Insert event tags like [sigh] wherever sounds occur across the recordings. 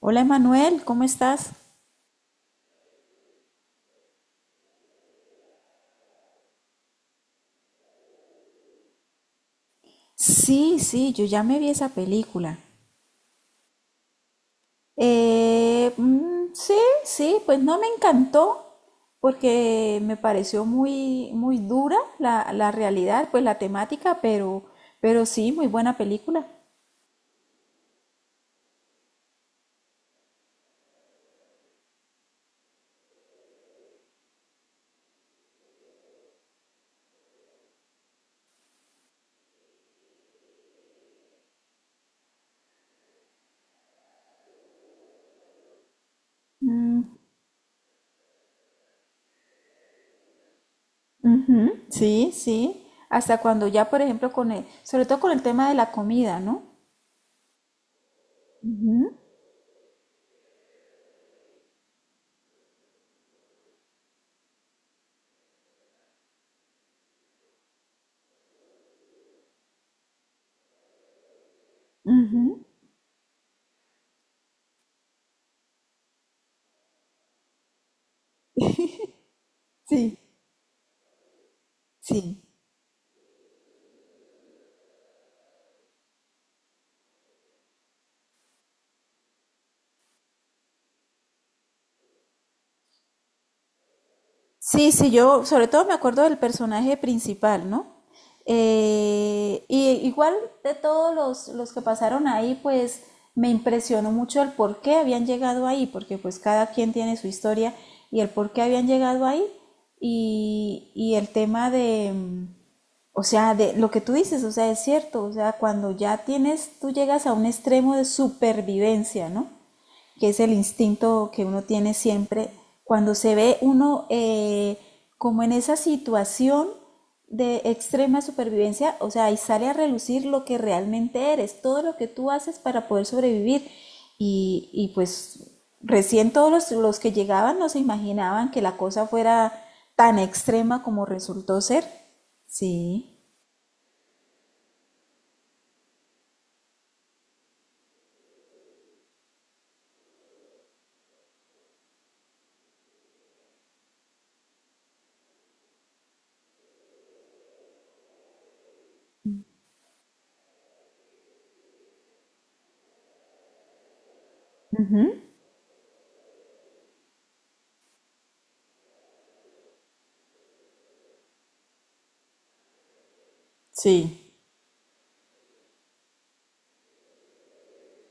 Hola Emanuel, ¿cómo estás? Sí, sí, yo ya me vi esa película. Sí, sí, pues no me encantó porque me pareció muy, muy dura la realidad, pues la temática, pero sí, muy buena película. Mm. Ujú, sí, sí. Hasta cuando ya, por ejemplo, sobre todo con el tema de la comida, ¿no? Ujú, sí, sí. Sí, sí, yo sobre todo me acuerdo del personaje principal, ¿no? Y igual de los que pasaron ahí, pues me impresionó mucho el por qué habían llegado ahí, porque pues cada quien tiene su historia y el por qué habían llegado ahí y, y el tema de, o sea, de lo que tú dices, o sea, es cierto, o sea, cuando ya tienes, tú llegas a un extremo de supervivencia, ¿no? Que es el instinto que uno tiene siempre, cuando se ve uno como en esa situación de extrema supervivencia, o sea, ahí sale a relucir lo que realmente eres, todo lo que tú haces para poder sobrevivir. Y pues recién los que llegaban no se imaginaban que la cosa fuera tan extrema como resultó ser. Sí. Ujú. Sí.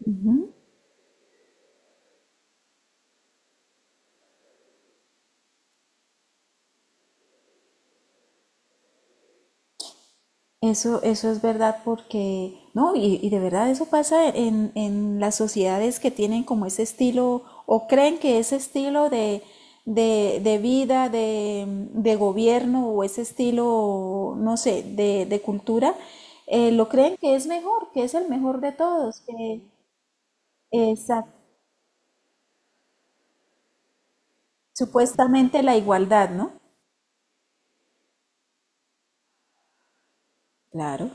Ujú. Eso es verdad porque, no, y de verdad eso pasa en las sociedades que tienen como ese estilo o creen que ese estilo de vida, de gobierno o ese estilo, no sé, de cultura, lo creen que es mejor, que es el mejor de todos, que esa- supuestamente la igualdad, ¿no? Claro.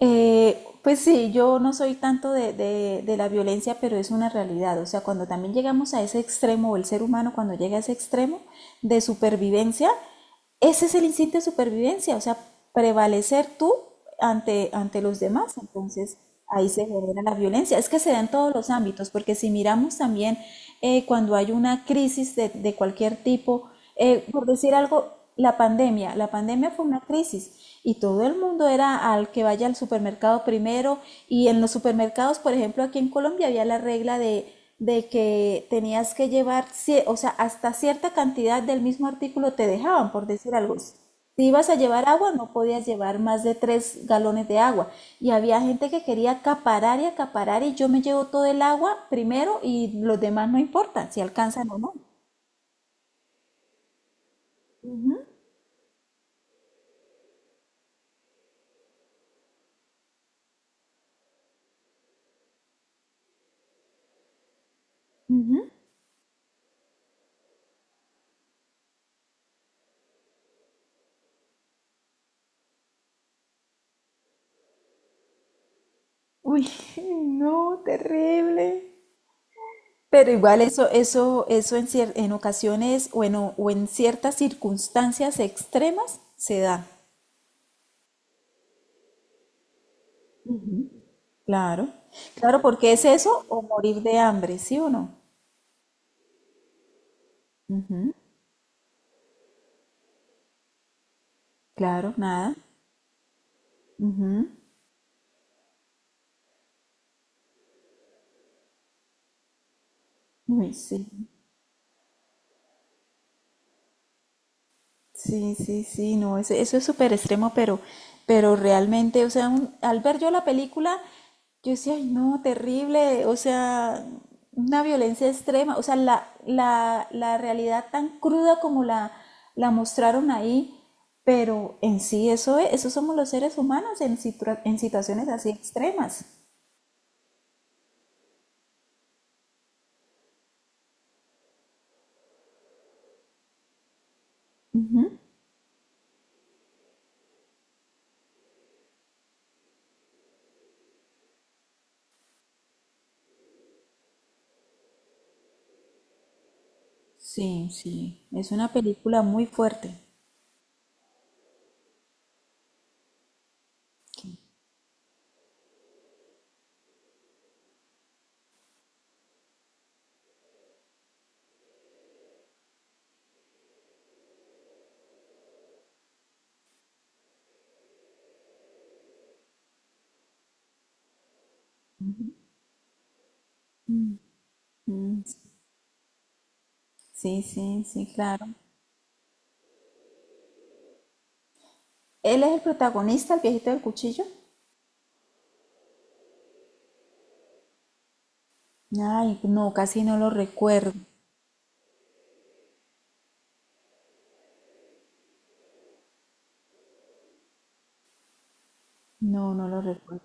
Pues sí, yo no soy tanto de la violencia, pero es una realidad. O sea, cuando también llegamos a ese extremo, o el ser humano cuando llega a ese extremo de supervivencia, ese es el instinto de supervivencia, o sea, prevalecer tú ante, ante los demás. Entonces, ahí se genera la violencia. Es que se da en todos los ámbitos, porque si miramos también cuando hay una crisis de cualquier tipo, por decir algo, la pandemia fue una crisis y todo el mundo era al que vaya al supermercado primero y en los supermercados, por ejemplo, aquí en Colombia había la regla de que tenías que llevar, o sea, hasta cierta cantidad del mismo artículo te dejaban, por decir algo. Si ibas a llevar agua, no podías llevar más de tres galones de agua. Y había gente que quería acaparar y acaparar y yo me llevo todo el agua primero y los demás no importan si alcanzan o no. Ujú, ujú. Uy, [laughs] no, terrible. Pero igual eso en, en ocasiones o en ciertas circunstancias extremas se da. Claro, claro, porque es eso o morir de hambre, ¿sí o no? Ujú. Claro, nada. Ujú. Uy, sí, sí, sí, sí, no, eso es súper extremo, pero realmente, o sea, al ver yo la película, yo decía, ay, no, terrible, o sea, una violencia extrema, o sea, la realidad tan cruda como la mostraron ahí, pero en sí eso es, eso somos los seres humanos en en situaciones así extremas. Sí, sí, es una película muy fuerte. Mm. Sí, sí, sí, claro. ¿Él es el protagonista, el viejito del cuchillo? Ay, no, casi no lo recuerdo. No, no lo recuerdo.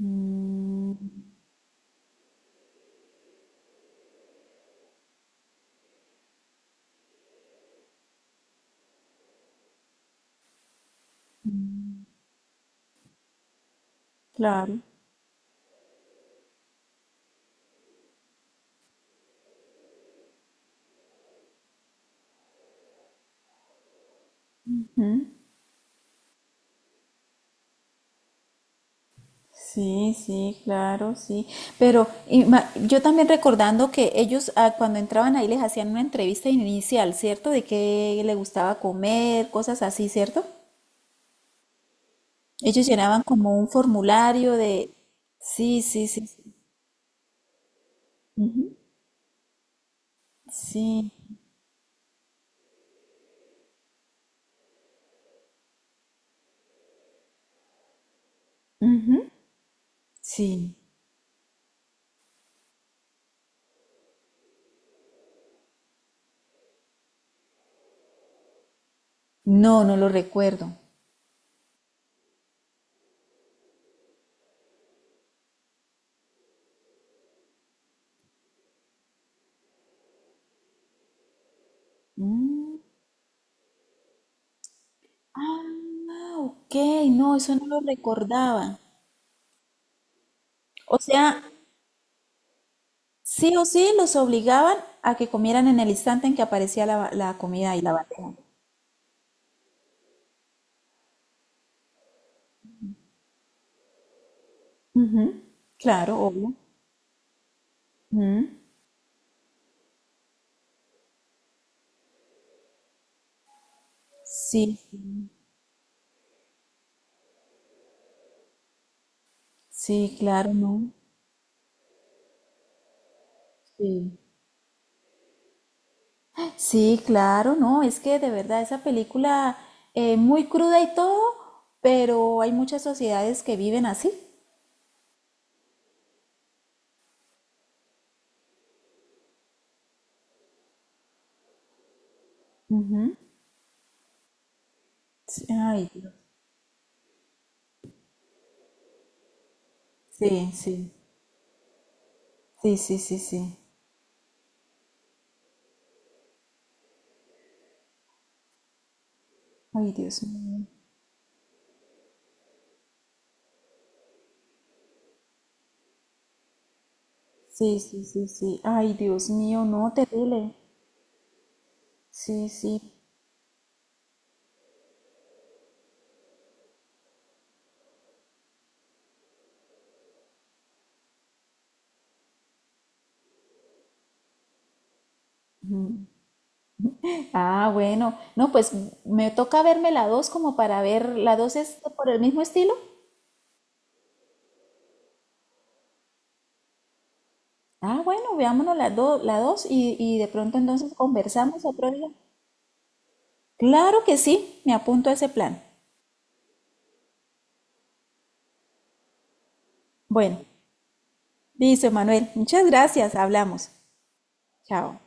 Mm. Claro. Sí, sí, claro, sí. Pero yo también recordando que ellos cuando entraban ahí les hacían una entrevista inicial, ¿cierto? De qué le gustaba comer, cosas así, ¿cierto? Ellos llenaban como un formulario de... Sí, sí, sí, sí. Sí, ujú, sí. No, no lo recuerdo. Mm. Ah, ok, no, eso no lo recordaba. O sea, sí o sí los obligaban a que comieran en el instante en que aparecía la comida y la bandeja. Ujú. Claro, obvio. Mm. Sí, sí, claro, no. Sí. Sí, claro, no, es que de verdad esa película, muy cruda y todo, pero hay muchas sociedades que viven así. Sí, ay, Dios. Sí, sí, sí, sí, sí, sí. Ay, Dios mío. Sí, sí, sí, sí. Ay, Dios mío, no, terrible. Sí, sí. Ah, bueno. No, pues me toca verme la 2 como para ver, ¿la 2 es por el mismo estilo? Ah, bueno, veámonos la 2, y de pronto entonces conversamos otro día. Claro que sí, me apunto a ese plan. Bueno, listo, Manuel. Muchas gracias, hablamos. Chao.